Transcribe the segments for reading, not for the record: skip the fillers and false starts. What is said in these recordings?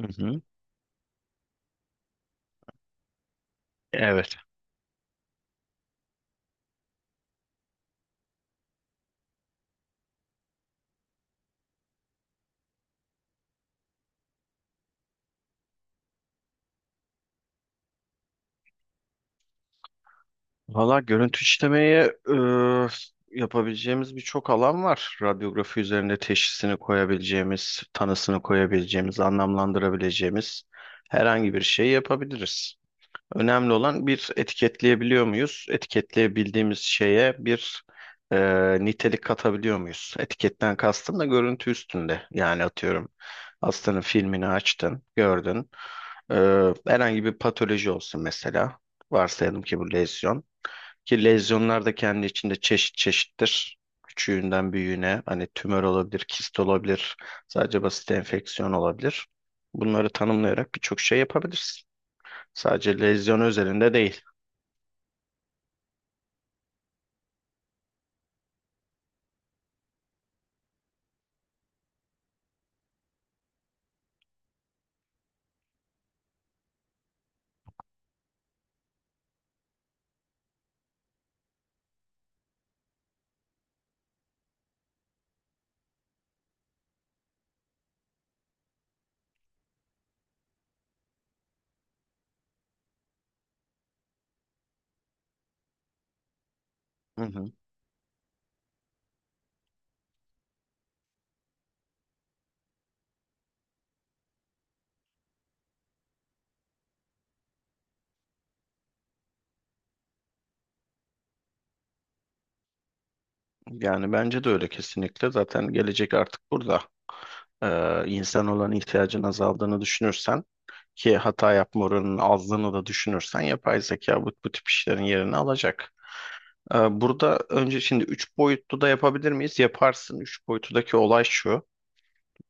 Hı hı. Evet. Valla görüntü işlemeye yapabileceğimiz birçok alan var. Radyografi üzerinde teşhisini koyabileceğimiz, tanısını koyabileceğimiz, anlamlandırabileceğimiz herhangi bir şey yapabiliriz. Önemli olan bir etiketleyebiliyor muyuz? Etiketleyebildiğimiz şeye bir e, nitelik katabiliyor muyuz? Etiketten kastım da görüntü üstünde. Yani atıyorum hastanın filmini açtın, gördün. Herhangi bir patoloji olsun mesela. Varsayalım ki bu lezyon. Ki lezyonlar da kendi içinde çeşit çeşittir. Küçüğünden büyüğüne hani tümör olabilir, kist olabilir, sadece basit enfeksiyon olabilir. Bunları tanımlayarak birçok şey yapabilirsin. Sadece lezyon özelinde değil. Hı hı. Yani bence de öyle kesinlikle. Zaten gelecek artık burada. İnsan olan ihtiyacın azaldığını düşünürsen ki hata yapma oranının azlığını da düşünürsen yapay zeka bu tip işlerin yerini alacak. Burada önce şimdi 3 boyutlu da yapabilir miyiz? Yaparsın. Üç boyutludaki olay şu.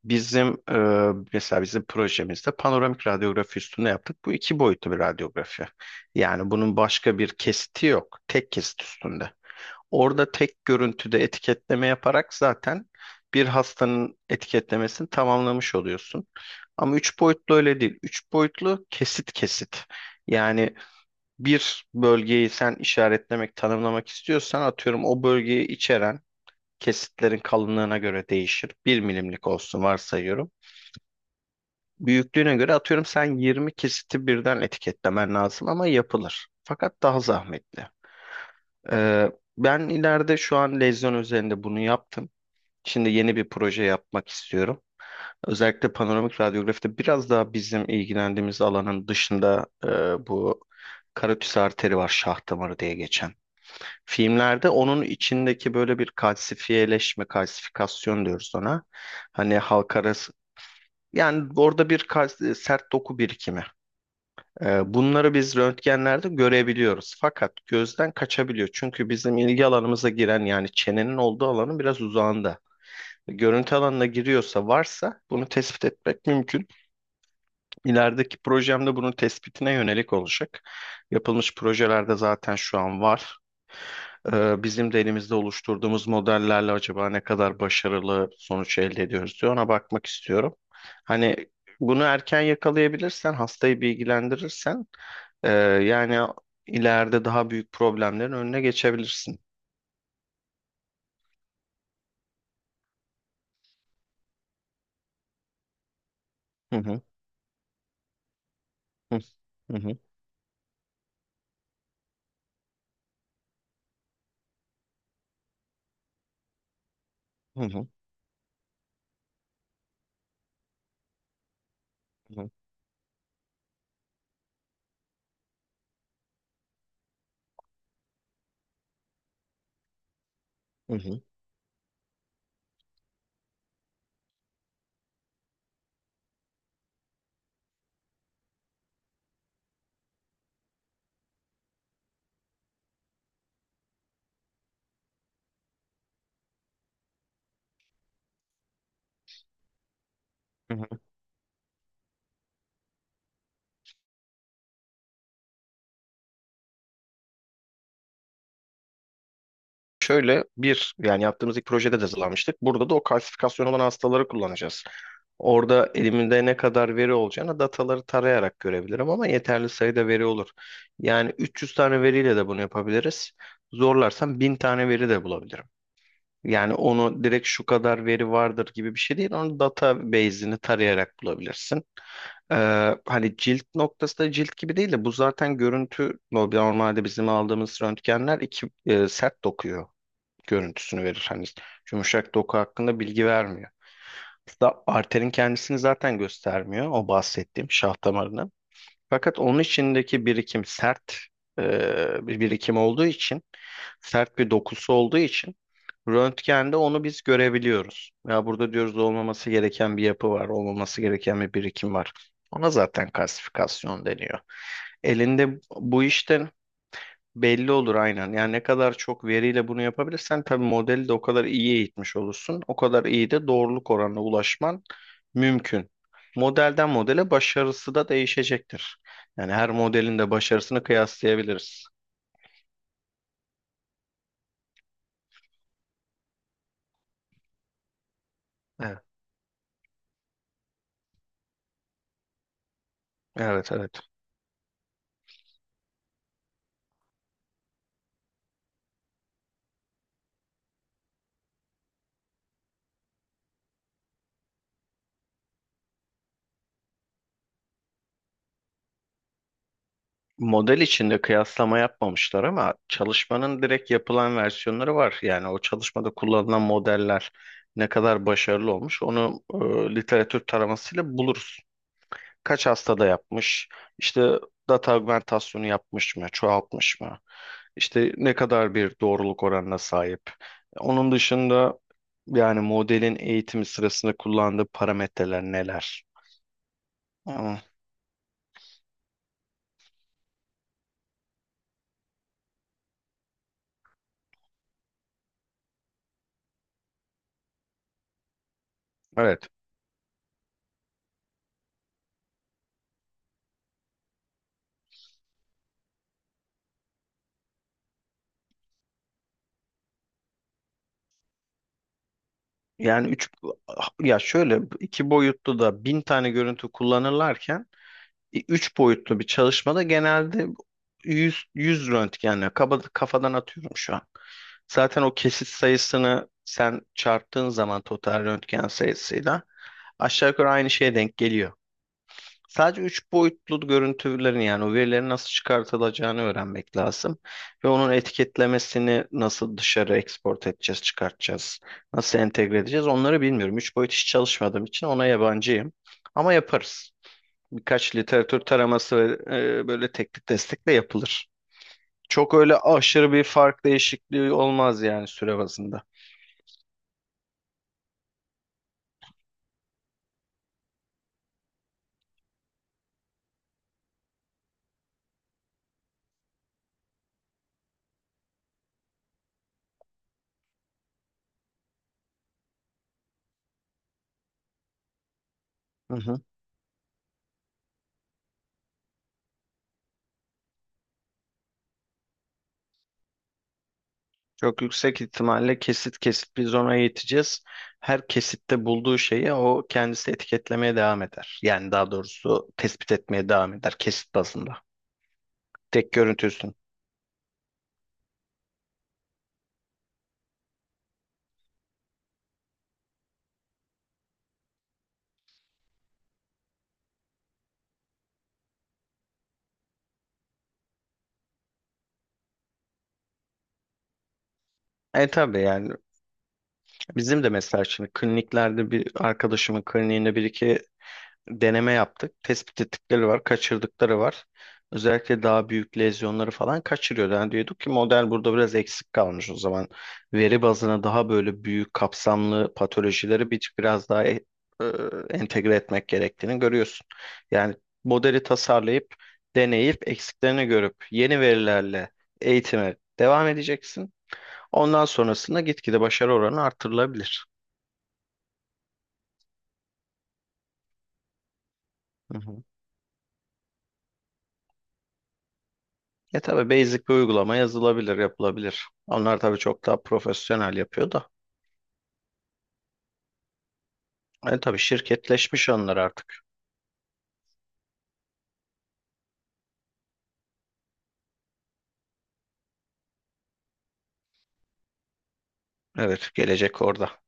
Bizim mesela bizim projemizde panoramik radyografi üstüne yaptık. Bu iki boyutlu bir radyografi. Yani bunun başka bir kesiti yok. Tek kesit üstünde. Orada tek görüntüde etiketleme yaparak zaten bir hastanın etiketlemesini tamamlamış oluyorsun. Ama 3 boyutlu öyle değil. 3 boyutlu kesit kesit. Yani bir bölgeyi sen işaretlemek, tanımlamak istiyorsan atıyorum o bölgeyi içeren kesitlerin kalınlığına göre değişir. Bir milimlik olsun varsayıyorum. Büyüklüğüne göre atıyorum sen 20 kesiti birden etiketlemen lazım ama yapılır. Fakat daha zahmetli. Ee, Ben ileride şu an lezyon üzerinde bunu yaptım. Şimdi yeni bir proje yapmak istiyorum. Özellikle panoramik radyografide biraz daha bizim ilgilendiğimiz alanın dışında bu karotis arteri var, şah damarı diye geçen. Filmlerde onun içindeki böyle bir kalsifiyeleşme, kalsifikasyon diyoruz ona. Hani halk arası yani orada bir sert doku birikimi. Bunları biz röntgenlerde görebiliyoruz. Fakat gözden kaçabiliyor. Çünkü bizim ilgi alanımıza giren yani çenenin olduğu alanın biraz uzağında. Görüntü alanına giriyorsa varsa bunu tespit etmek mümkün. İlerideki projemde bunun tespitine yönelik olacak. Yapılmış projelerde zaten şu an var. Bizim de elimizde oluşturduğumuz modellerle acaba ne kadar başarılı sonuç elde ediyoruz diye ona bakmak istiyorum. Hani bunu erken yakalayabilirsen, hastayı bilgilendirirsen, e, yani ileride daha büyük problemlerin önüne geçebilirsin. Hı hı, hı hı, hı hı, hı hı, hı hı. Şöyle bir yani yaptığımız ilk projede de hazırlanmıştık. Burada da o kalsifikasyon olan hastaları kullanacağız. Orada elimde ne kadar veri olacağını dataları tarayarak görebilirim ama yeterli sayıda veri olur. Yani 300 tane veriyle de bunu yapabiliriz. Zorlarsam 1.000 tane veri de bulabilirim. Yani onu direkt şu kadar veri vardır gibi bir şey değil. Onu database'ini tarayarak bulabilirsin. Ee, Hani cilt noktası da cilt gibi değil de bu zaten görüntü normalde bizim aldığımız röntgenler iki sert dokuyor görüntüsünü verir. Hani yumuşak doku hakkında bilgi vermiyor. Hatta arterin kendisini zaten göstermiyor o bahsettiğim şah damarını. Fakat onun içindeki birikim sert bir birikim olduğu için, sert bir dokusu olduğu için röntgende onu biz görebiliyoruz. Ya burada diyoruz olmaması gereken bir yapı var, olmaması gereken bir birikim var. Ona zaten kalsifikasyon deniyor. Elinde bu işte belli olur aynen. Yani ne kadar çok veriyle bunu yapabilirsen tabii modeli de o kadar iyi eğitmiş olursun. O kadar iyi de doğruluk oranına ulaşman mümkün. Modelden modele başarısı da değişecektir. Yani her modelin de başarısını kıyaslayabiliriz. Evet, evet, evet. Model içinde kıyaslama yapmamışlar ama çalışmanın direkt yapılan versiyonları var. Yani o çalışmada kullanılan modeller ne kadar başarılı olmuş onu literatür taramasıyla buluruz. Kaç hastada yapmış, işte data augmentasyonu yapmış mı, çoğaltmış mı, işte ne kadar bir doğruluk oranına sahip. Onun dışında yani modelin eğitimi sırasında kullandığı parametreler neler? Ama. Evet. Yani ya şöyle iki boyutlu da 1.000 tane görüntü kullanırlarken üç boyutlu bir çalışmada genelde 100, 100 röntgenle kaba, kafadan atıyorum şu an. Zaten o kesit sayısını sen çarptığın zaman total röntgen sayısıyla aşağı yukarı aynı şeye denk geliyor. Sadece 3 boyutlu görüntülerin yani o verilerin nasıl çıkartılacağını öğrenmek lazım. Ve onun etiketlemesini nasıl dışarı export edeceğiz, çıkartacağız, nasıl entegre edeceğiz onları bilmiyorum. Üç boyut hiç çalışmadığım için ona yabancıyım. Ama yaparız birkaç literatür taraması ve böyle teknik destekle yapılır. Çok öyle aşırı bir fark değişikliği olmaz yani süre bazında. Hı hı. Çok yüksek ihtimalle kesit kesit biz ona yeteceğiz. Her kesitte bulduğu şeyi o kendisi etiketlemeye devam eder. Yani daha doğrusu tespit etmeye devam eder kesit bazında. Tek görüntü üstüne. E tabii yani bizim de mesela şimdi kliniklerde bir arkadaşımın kliniğinde bir iki deneme yaptık. Tespit ettikleri var, kaçırdıkları var. Özellikle daha büyük lezyonları falan kaçırıyordu. Yani diyorduk ki model burada biraz eksik kalmış o zaman. Veri bazına daha böyle büyük kapsamlı patolojileri biraz daha e, entegre etmek gerektiğini görüyorsun. Yani modeli tasarlayıp, deneyip, eksiklerini görüp yeni verilerle eğitime devam edeceksin. Ondan sonrasında gitgide başarı oranı artırılabilir. Hı hı. Ya tabii basic bir uygulama yazılabilir, yapılabilir. Onlar tabii çok daha profesyonel yapıyor da. Yani tabii şirketleşmiş onlar artık. Evet, gelecek orada.